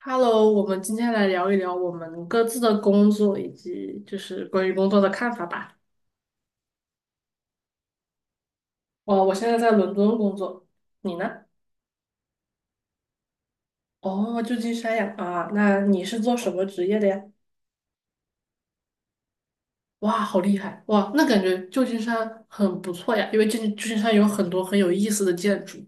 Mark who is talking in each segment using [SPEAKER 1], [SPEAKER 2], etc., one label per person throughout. [SPEAKER 1] Hello，我们今天来聊一聊我们各自的工作以及就是关于工作的看法吧。哦，我现在在伦敦工作，你呢？哦，旧金山呀，啊，那你是做什么职业的呀？哇，好厉害！哇，那感觉旧金山很不错呀，因为旧金山有很多很有意思的建筑。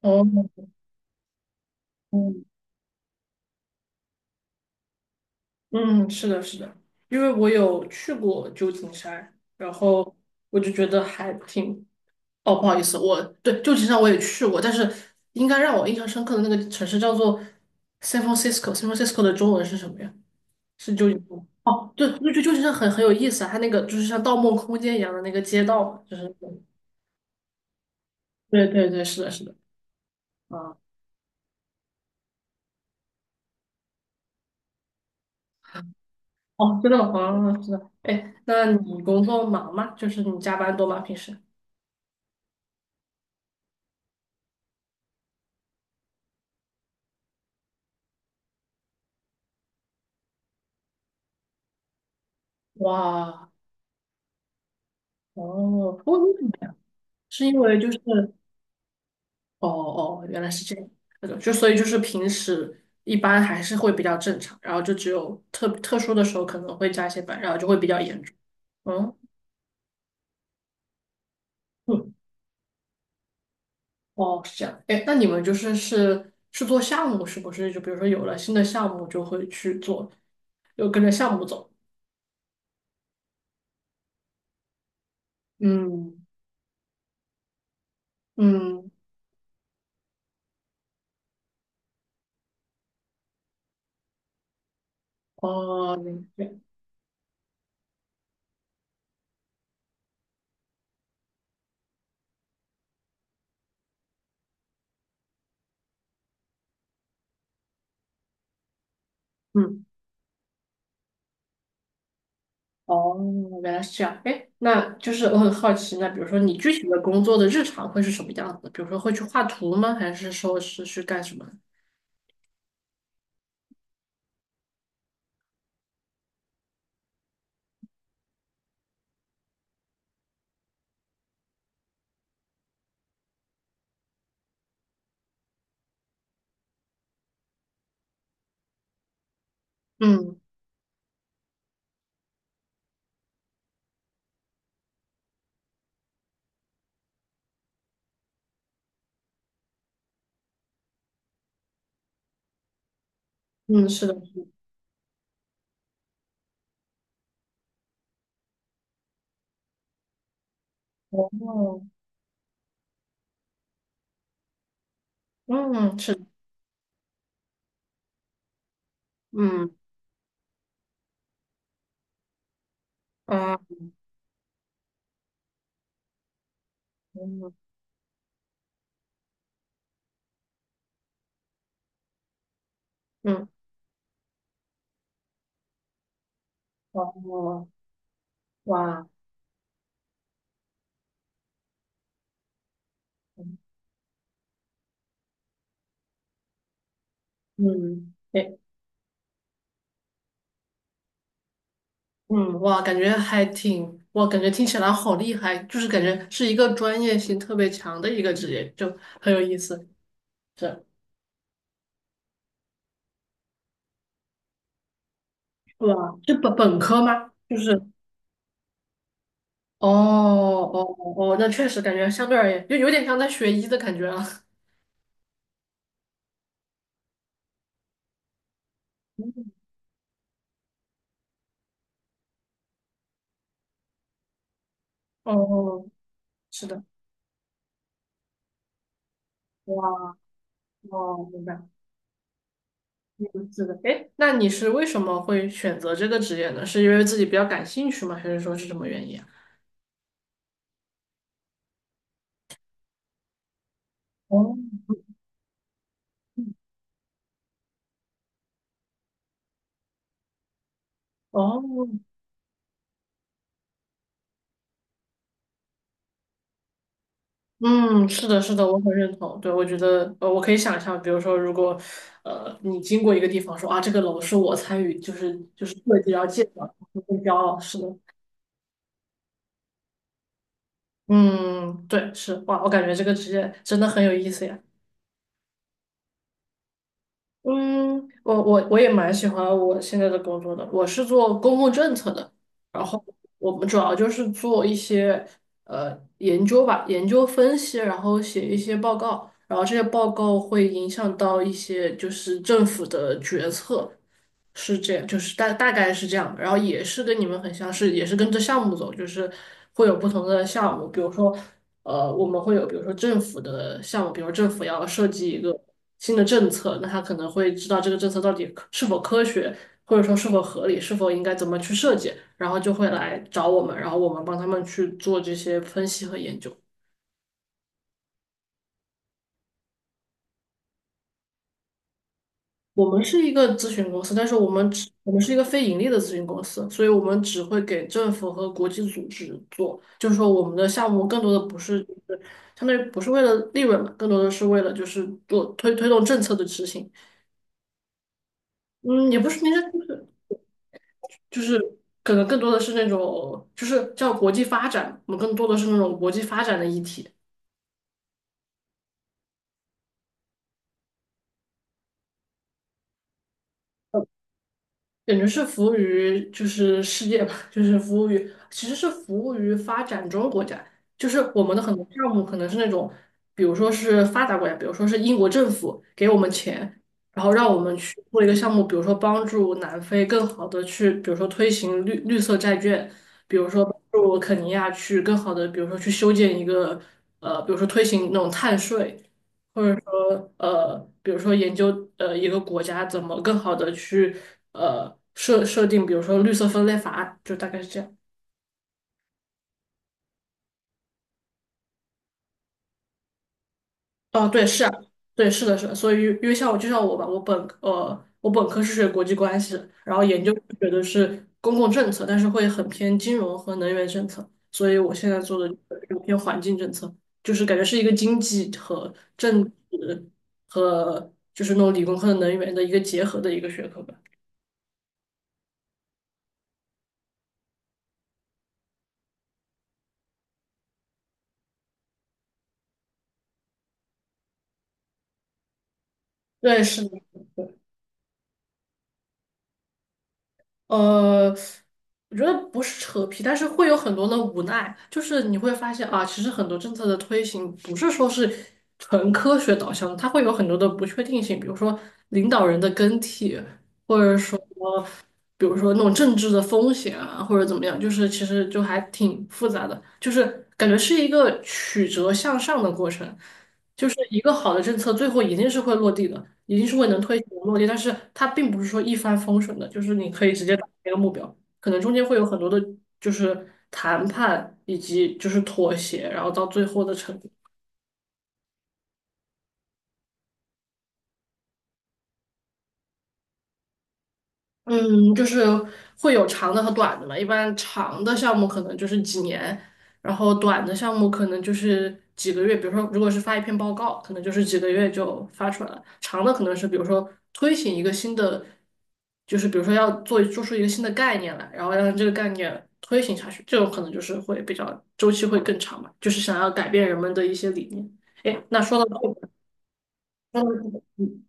[SPEAKER 1] 哦，嗯，嗯，是的，是的，因为我有去过旧金山，然后我就觉得还挺哦，不好意思，我对旧金山我也去过，但是应该让我印象深刻的那个城市叫做 San Francisco。San Francisco 的中文是什么呀？是旧金山吗。哦，对，就旧金山很有意思啊，它那个就是像《盗梦空间》一样的那个街道嘛，就是对对对，是的，是的，啊，哦，真的吗？啊，是的，哎，那你工作忙吗？就是你加班多吗？平时？哇，哦，为什么呀是因为就是哦哦，原来是这样。那种就所以就是平时一般还是会比较正常，然后就只有特殊的时候可能会加一些班，然后就会比较严重。嗯嗯，哦，是这样。哎，那你们就是是做项目是不是？就比如说有了新的项目就会去做，就跟着项目走。嗯嗯，哦，明白。嗯。哦，原来是这样。哎，那就是我很好奇，那比如说你具体的工作的日常会是什么样子的比如说会去画图吗？还是说是去干什么？嗯嗯，是的。哦，嗯，是的，嗯啊，嗯嗯，哦，哇，嗯，哎，嗯，哇，感觉还挺，哇，感觉听起来好厉害，就是感觉是一个专业性特别强的一个职业，就很有意思。是，哇，是本科吗？就是。哦哦哦，那确实感觉相对而言，就有点像在学医的感觉啊。哦，是的，哇，哦，明白，嗯，是的。哎，那你是为什么会选择这个职业呢？是因为自己比较感兴趣吗？还是说是什么原因啊？哦哦，嗯，是的，是的，我很认同。对，我觉得，我可以想象，比如说，如果，你经过一个地方说啊，这个楼是我参与，就是设计，然后建的，我会很骄傲。是的，嗯，对，是，哇，我感觉这个职业真的很有意思呀。嗯，我也蛮喜欢我现在的工作的，我是做公共政策的，然后我们主要就是做一些研究吧，研究分析，然后写一些报告，然后这些报告会影响到一些就是政府的决策，是这样，就是大概是这样的，然后也是跟你们很像是，也是跟着项目走，就是会有不同的项目，比如说，我们会有比如说政府的项目，比如政府要设计一个新的政策，那他可能会知道这个政策到底可是否科学，或者说是否合理，是否应该怎么去设计，然后就会来找我们，然后我们帮他们去做这些分析和研究。我们是一个咨询公司，但是我们是一个非盈利的咨询公司，所以我们只会给政府和国际组织做。就是说，我们的项目更多的不是就是相当于不是为了利润嘛，更多的是为了就是做推动政策的执行。嗯，也不是，应该就是可能更多的是那种就是叫国际发展，我们更多的是那种国际发展的议题。感觉是服务于就是世界吧，就是服务于其实是服务于发展中国家，就是我们的很多项目可能是那种，比如说是发达国家，比如说是英国政府给我们钱，然后让我们去做一个项目，比如说帮助南非更好的去，比如说推行绿色债券，比如说帮助肯尼亚去更好的，比如说去修建一个比如说推行那种碳税。比如说研究一个国家怎么更好的去设定，比如说绿色分类法案，就大概是这样。哦，对，是啊，对，是的，是的。所以因为像我吧，我本科是学国际关系的，然后学的是公共政策，但是会很偏金融和能源政策，所以我现在做的就是偏环境政策，就是感觉是一个经济和政治和就是那种理工科的能源的一个结合的一个学科吧。对，是。呃，我觉得不是扯皮，但是会有很多的无奈，就是你会发现啊，其实很多政策的推行不是说是纯科学导向的，它会有很多的不确定性，比如说领导人的更替，或者说。比如说那种政治的风险啊，或者怎么样，就是其实就还挺复杂的，就是感觉是一个曲折向上的过程，就是一个好的政策最后一定是会落地的，一定是会能推行的落地，但是它并不是说一帆风顺的，就是你可以直接达到一个目标，可能中间会有很多的，就是谈判以及就是妥协，然后到最后的成。嗯，就是会有长的和短的嘛。一般长的项目可能就是几年，然后短的项目可能就是几个月。比如说，如果是发一篇报告，可能就是几个月就发出来了。长的可能是比如说推行一个新的，就是比如说要做出一个新的概念来，然后让这个概念推行下去，这种可能就是会比较周期会更长嘛，就是想要改变人们的一些理念。哎，那说到这个。嗯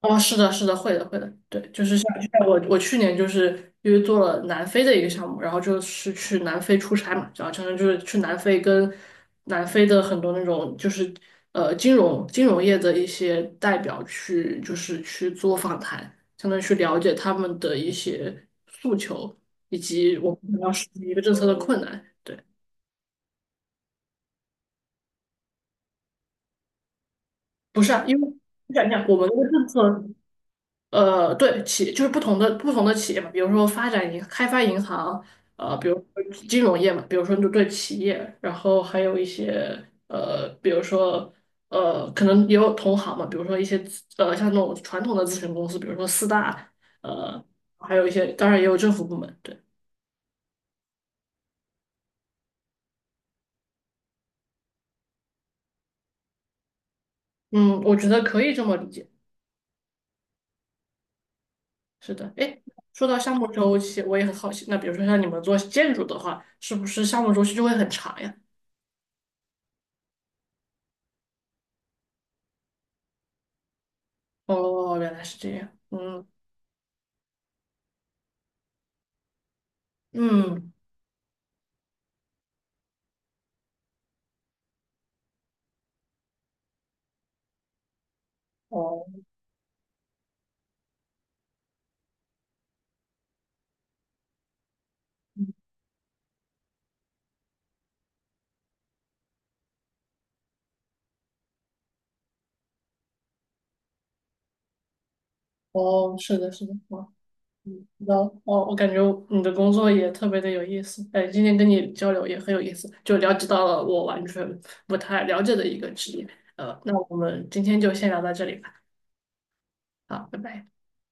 [SPEAKER 1] 哦，是的，是的，会的，会的，对，就是像就像我去年就是因为做了南非的一个项目，然后就是去南非出差嘛，然后相当于就是去南非跟南非的很多那种就是金融业的一些代表去就是去做访谈，相当于去了解他们的一些诉求以及我们可能要实施一个政策的困难。对，不是啊，因为你想一想，我们那个政策。对，就是不同的企业嘛，比如说发展银、开发银行，比如说金融业嘛，比如说就对企业，然后还有一些比如说可能也有同行嘛，比如说一些，像那种传统的咨询公司，比如说四大，呃，还有一些，当然也有政府部门，对，嗯，我觉得可以这么理解，是的，诶，说到项目周期，我也很好奇，那比如说像你们做建筑的话，是不是项目周期就会很长呀？哦，原来是这样，嗯。嗯，哦哦，是的，是的，哦，嗯，那道了哦，我感觉你的工作也特别的有意思，哎，今天跟你交流也很有意思，就了解到了我完全不太了解的一个职业，那我们今天就先聊到这里吧，好，拜拜。